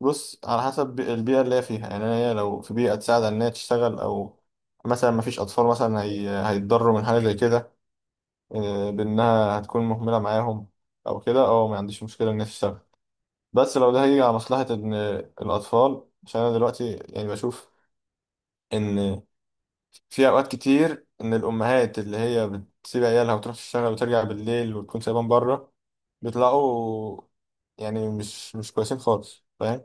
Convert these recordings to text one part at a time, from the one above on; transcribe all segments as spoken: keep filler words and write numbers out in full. بص، على حسب البيئة اللي هي فيها. يعني هي لو في بيئة تساعد على إنها تشتغل، أو مثلا مفيش أطفال مثلا هي... هيتضروا من حاجة زي كده. آه، بإنها هتكون مهملة معاهم أو كده. أه، ما عنديش مشكلة إنها تشتغل. بس لو ده هيجي على مصلحة إن الأطفال. عشان أنا دلوقتي يعني بشوف إن في أوقات كتير إن الأمهات اللي هي بتسيب عيالها وتروح تشتغل وترجع بالليل وتكون سايبان بره، بيطلعوا يعني مش مش كويسين خالص، فاهم؟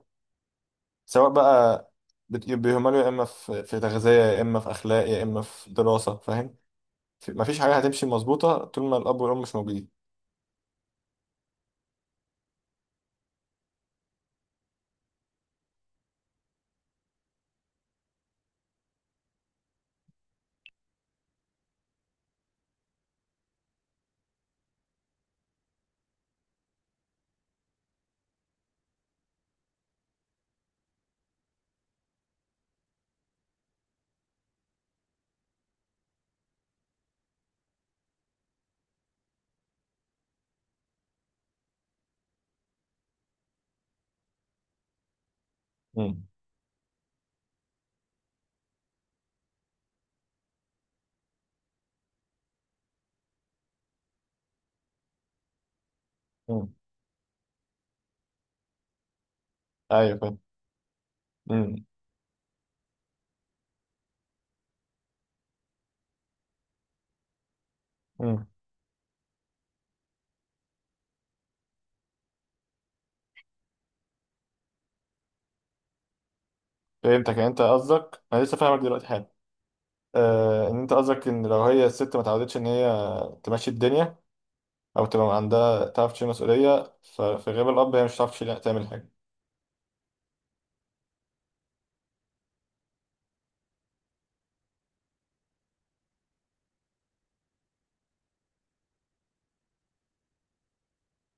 سواء بقى بت- بيهملوا، يا اما في في تغذيه، يا اما في اخلاق، يا اما في دراسه، فاهم؟ في- مفيش حاجه هتمشي مظبوطه طول ما الاب والام مش موجودين. امم امم ايوه فاهم. امم امم فهمتك. يعني انت قصدك، انا لسه فاهمك دلوقتي حالا. آه، ان انت قصدك ان لو هي الست ما اتعودتش ان هي تمشي الدنيا او تبقى عندها تعرف تشيل مسؤوليه، ففي غياب الاب هي مش هتعرف تشيل تعمل حاجه.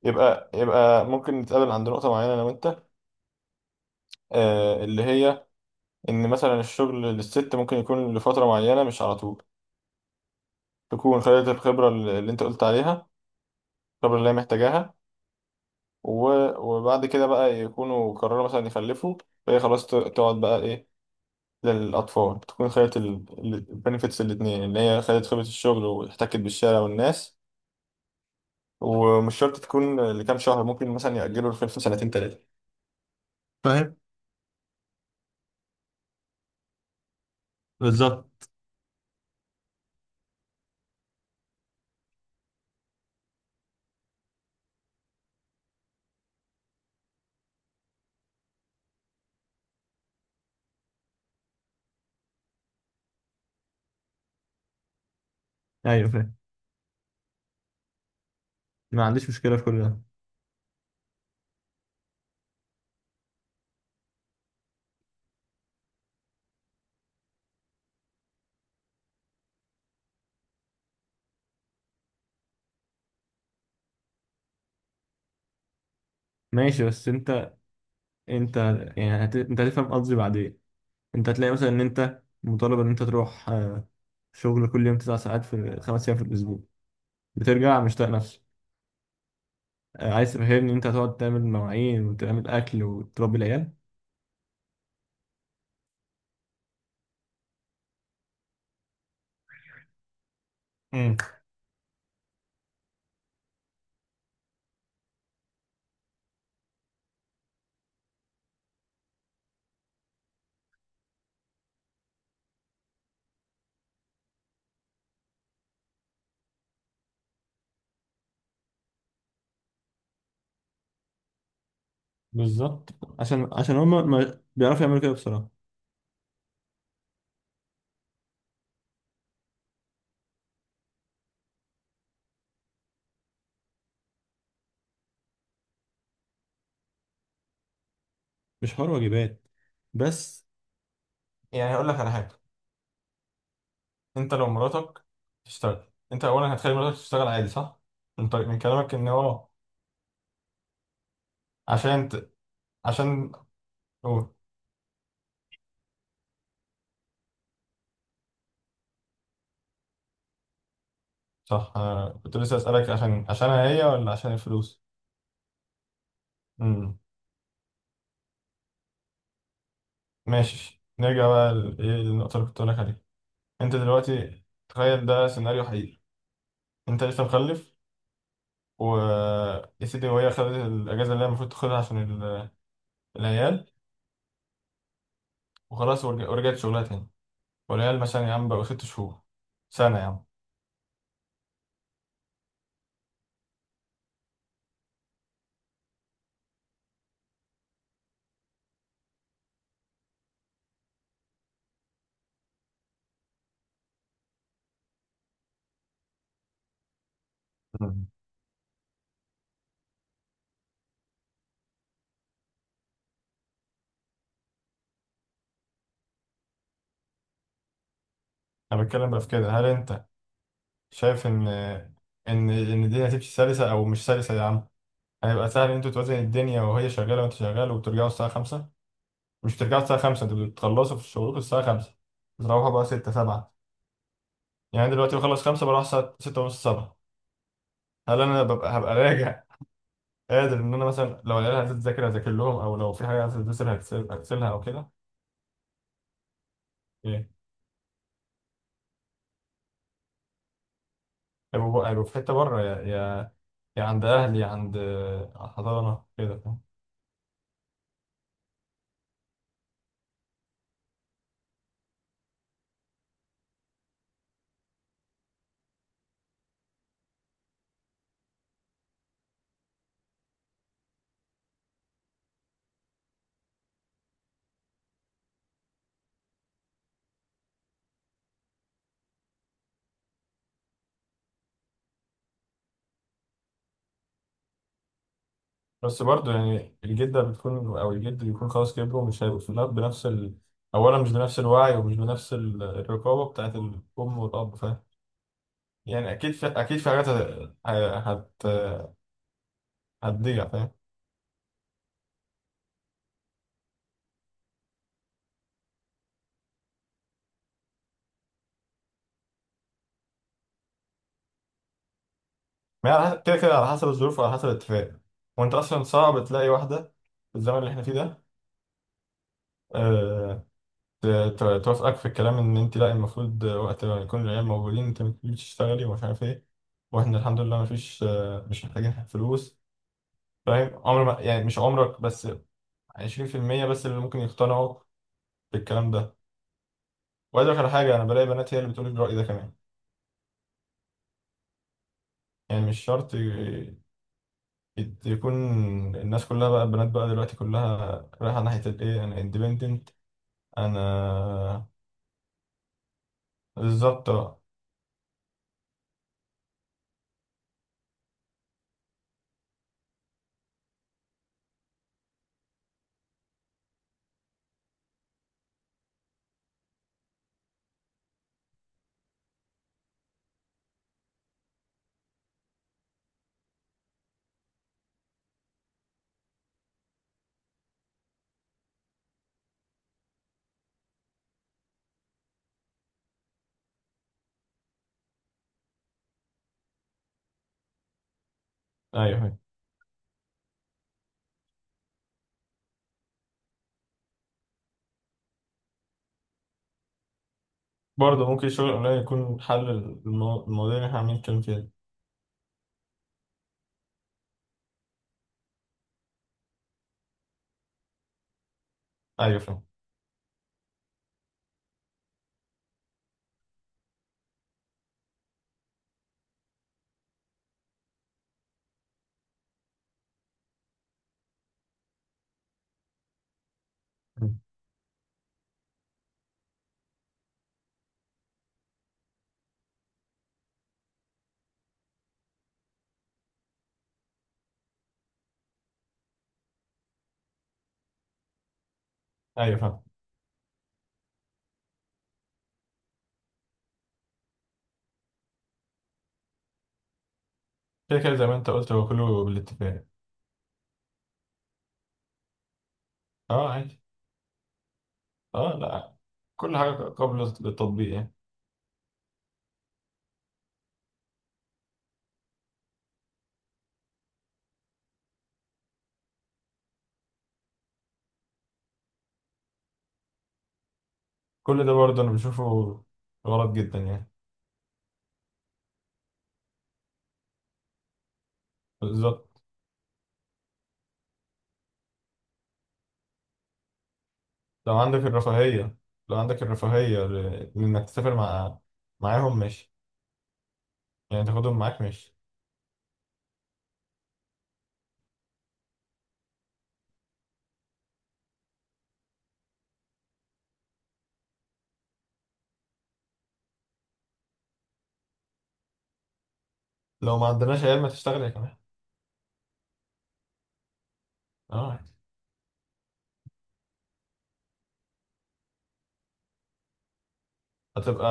يبقى يبقى ممكن نتقابل عند نقطه معينه انا وانت. آه، اللي هي ان مثلا الشغل للست ممكن يكون لفتره معينه مش على طول، تكون خدت الخبره اللي انت قلت عليها، الخبره اللي هي محتاجاها. و- وبعد كده بقى يكونوا قرروا مثلا يخلفوا، فهي خلاص ت- تقعد بقى ايه للاطفال، تكون خدت البنفيتس الاتنين، اللي هي خدت خبره الشغل واحتكت بالشارع والناس. ومش شرط تكون لكام شهر، ممكن مثلا يأجلوا الخلفه سنتين تلاته، فاهم؟ بالظبط. ايوه فاهم. ما عنديش مشكله في كل ده. ماشي، بس انت انت يعني هت... انت هتفهم قصدي بعدين. انت هتلاقي مثلا ان انت مطالب ان انت تروح آه، شغل كل يوم تسع ساعات في خمس ايام في الاسبوع، بترجع مش طايق نفسك. آه، عايز تفهمني ان انت هتقعد تعمل مواعين وتعمل اكل وتربي العيال؟ امم بالظبط. عشان عشان هم ما بيعرفوا يعملوا كده بصراحة. مش حوار واجبات، بس يعني هقول لك على حاجه. انت لو مراتك تشتغل، انت اولا هتخلي مراتك تشتغل عادي، صح؟ من طريق من كلامك ان هو عشان ت... عشان قول. صح، أنا كنت لسه اسالك، عشان عشانها هي ولا عشان الفلوس؟ امم ماشي، نرجع بقى ل- ايه النقطة اللي كنت بقولك عليها. انت دلوقتي تخيل ده سيناريو حقيقي، انت لسه مخلف، و، يا سيدي، وهي خدت الاجازة اللي هي المفروض تاخدها عشان ال- العيال، وخلاص ورج- ورجعت شغلها تاني. والعيال مثلا يا عم بقوا ست شهور، سنة يا عم. مم. انا بتكلم بقى في كده، هل انت شايف ان ان ان الدنيا هتمشي سلسة او مش سلسة، يا عم؟ هيبقى سهل ان انتوا توازن الدنيا وهي شغالة وانت شغال وبترجعوا الساعة خمسة؟ مش بترجعوا الساعة خمسة، انتوا بتخلصوا في شغلكم الساعة خمسة، بتروحوا بقى ستة سبعة. يعني دلوقتي بخلص خمسة، بروح الساعة ستة ونص سبعة. هل أنا ببقى هبقى راجع قادر إن أنا مثلا لو العيال عايزة تذاكر أذاكر لهم، أو لو في حاجة عايزة تذاكر هكسل- هغسلها أو كده؟ إيه؟ هيبقوا هيبقوا في حتة بره، يا يا يا عند أهلي، يا عند آه، حضانة كده، فاهم؟ بس برضه يعني الجدة بتكون أو الجد بيكون خلاص كبروا، مش هيبقوا في الأب بنفس ال، أولا مش بنفس الوعي ومش بنفس ال- الرقابة بتاعت الأم والأب، فاهم؟ يعني أكيد في، أكيد في حاجات هت هت- هتضيع، فاهم؟ ما هي على حسب، كده كده على حسب الظروف وعلى حسب الاتفاق. وانت اصلا صعب تلاقي واحده في الزمن اللي احنا فيه ده. أه، ت- ت- توافقك في الكلام ان انت لا، المفروض وقت ما يكون العيال موجودين انت المفروض تشتغلي ومش عارف ايه. واحنا الحمد لله مفيش، آه، مش محتاجين فلوس، فاهم؟ عمر ما، يعني مش عمرك، بس عشرين في المية بس اللي ممكن يقتنعوا بالكلام ده. وعايز اقول لك على حاجه، انا بلاقي بنات هي اللي بتقول الرأي ده كمان. يعني مش شرط ي- يت- يكون الناس كلها، بقى البنات بقى دلوقتي كلها رايحه ناحيه الايه، انا independent، انا، بالظبط، اه. ايوه. أيوة. برضه ممكن الشغل الاونلاين يكون حل المو- المواضيع اللي احنا عاملين نتكلم فيها. ايوه فاهم. مم. ايوه فاهم. كده كده زي ما انت قلت، هو كله بالاتفاق. اه عادي. اه لا، كل حاجه قبل التطبيق يعني. كل ده برضه انا بشوفه غلط جدا يعني. بالظبط. لو عندك الرفاهيه، لو عندك الرفاهيه ل- لانك تسافر مع معاهم، ماشي، يعني تاخدهم معاك، ماشي. لو ما عندناش عيال، ما تشتغل يا كمان. اه، هتبقى،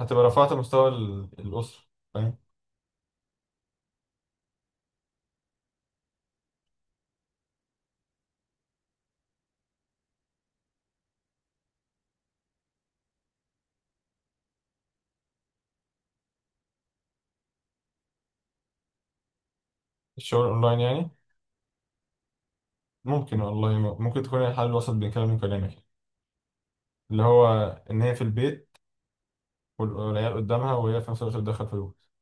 هتبقى رفعت مستوى ال- الأسرة، فاهم؟ الشغل أونلاين يعني؟ ممكن والله، م- ممكن تكون هي الحل الوسط بين كلامي وكلامك، اللي هو إن هي في البيت وال- والعيال قدامها، وهي في نفس الوقت بتدخل فلوس.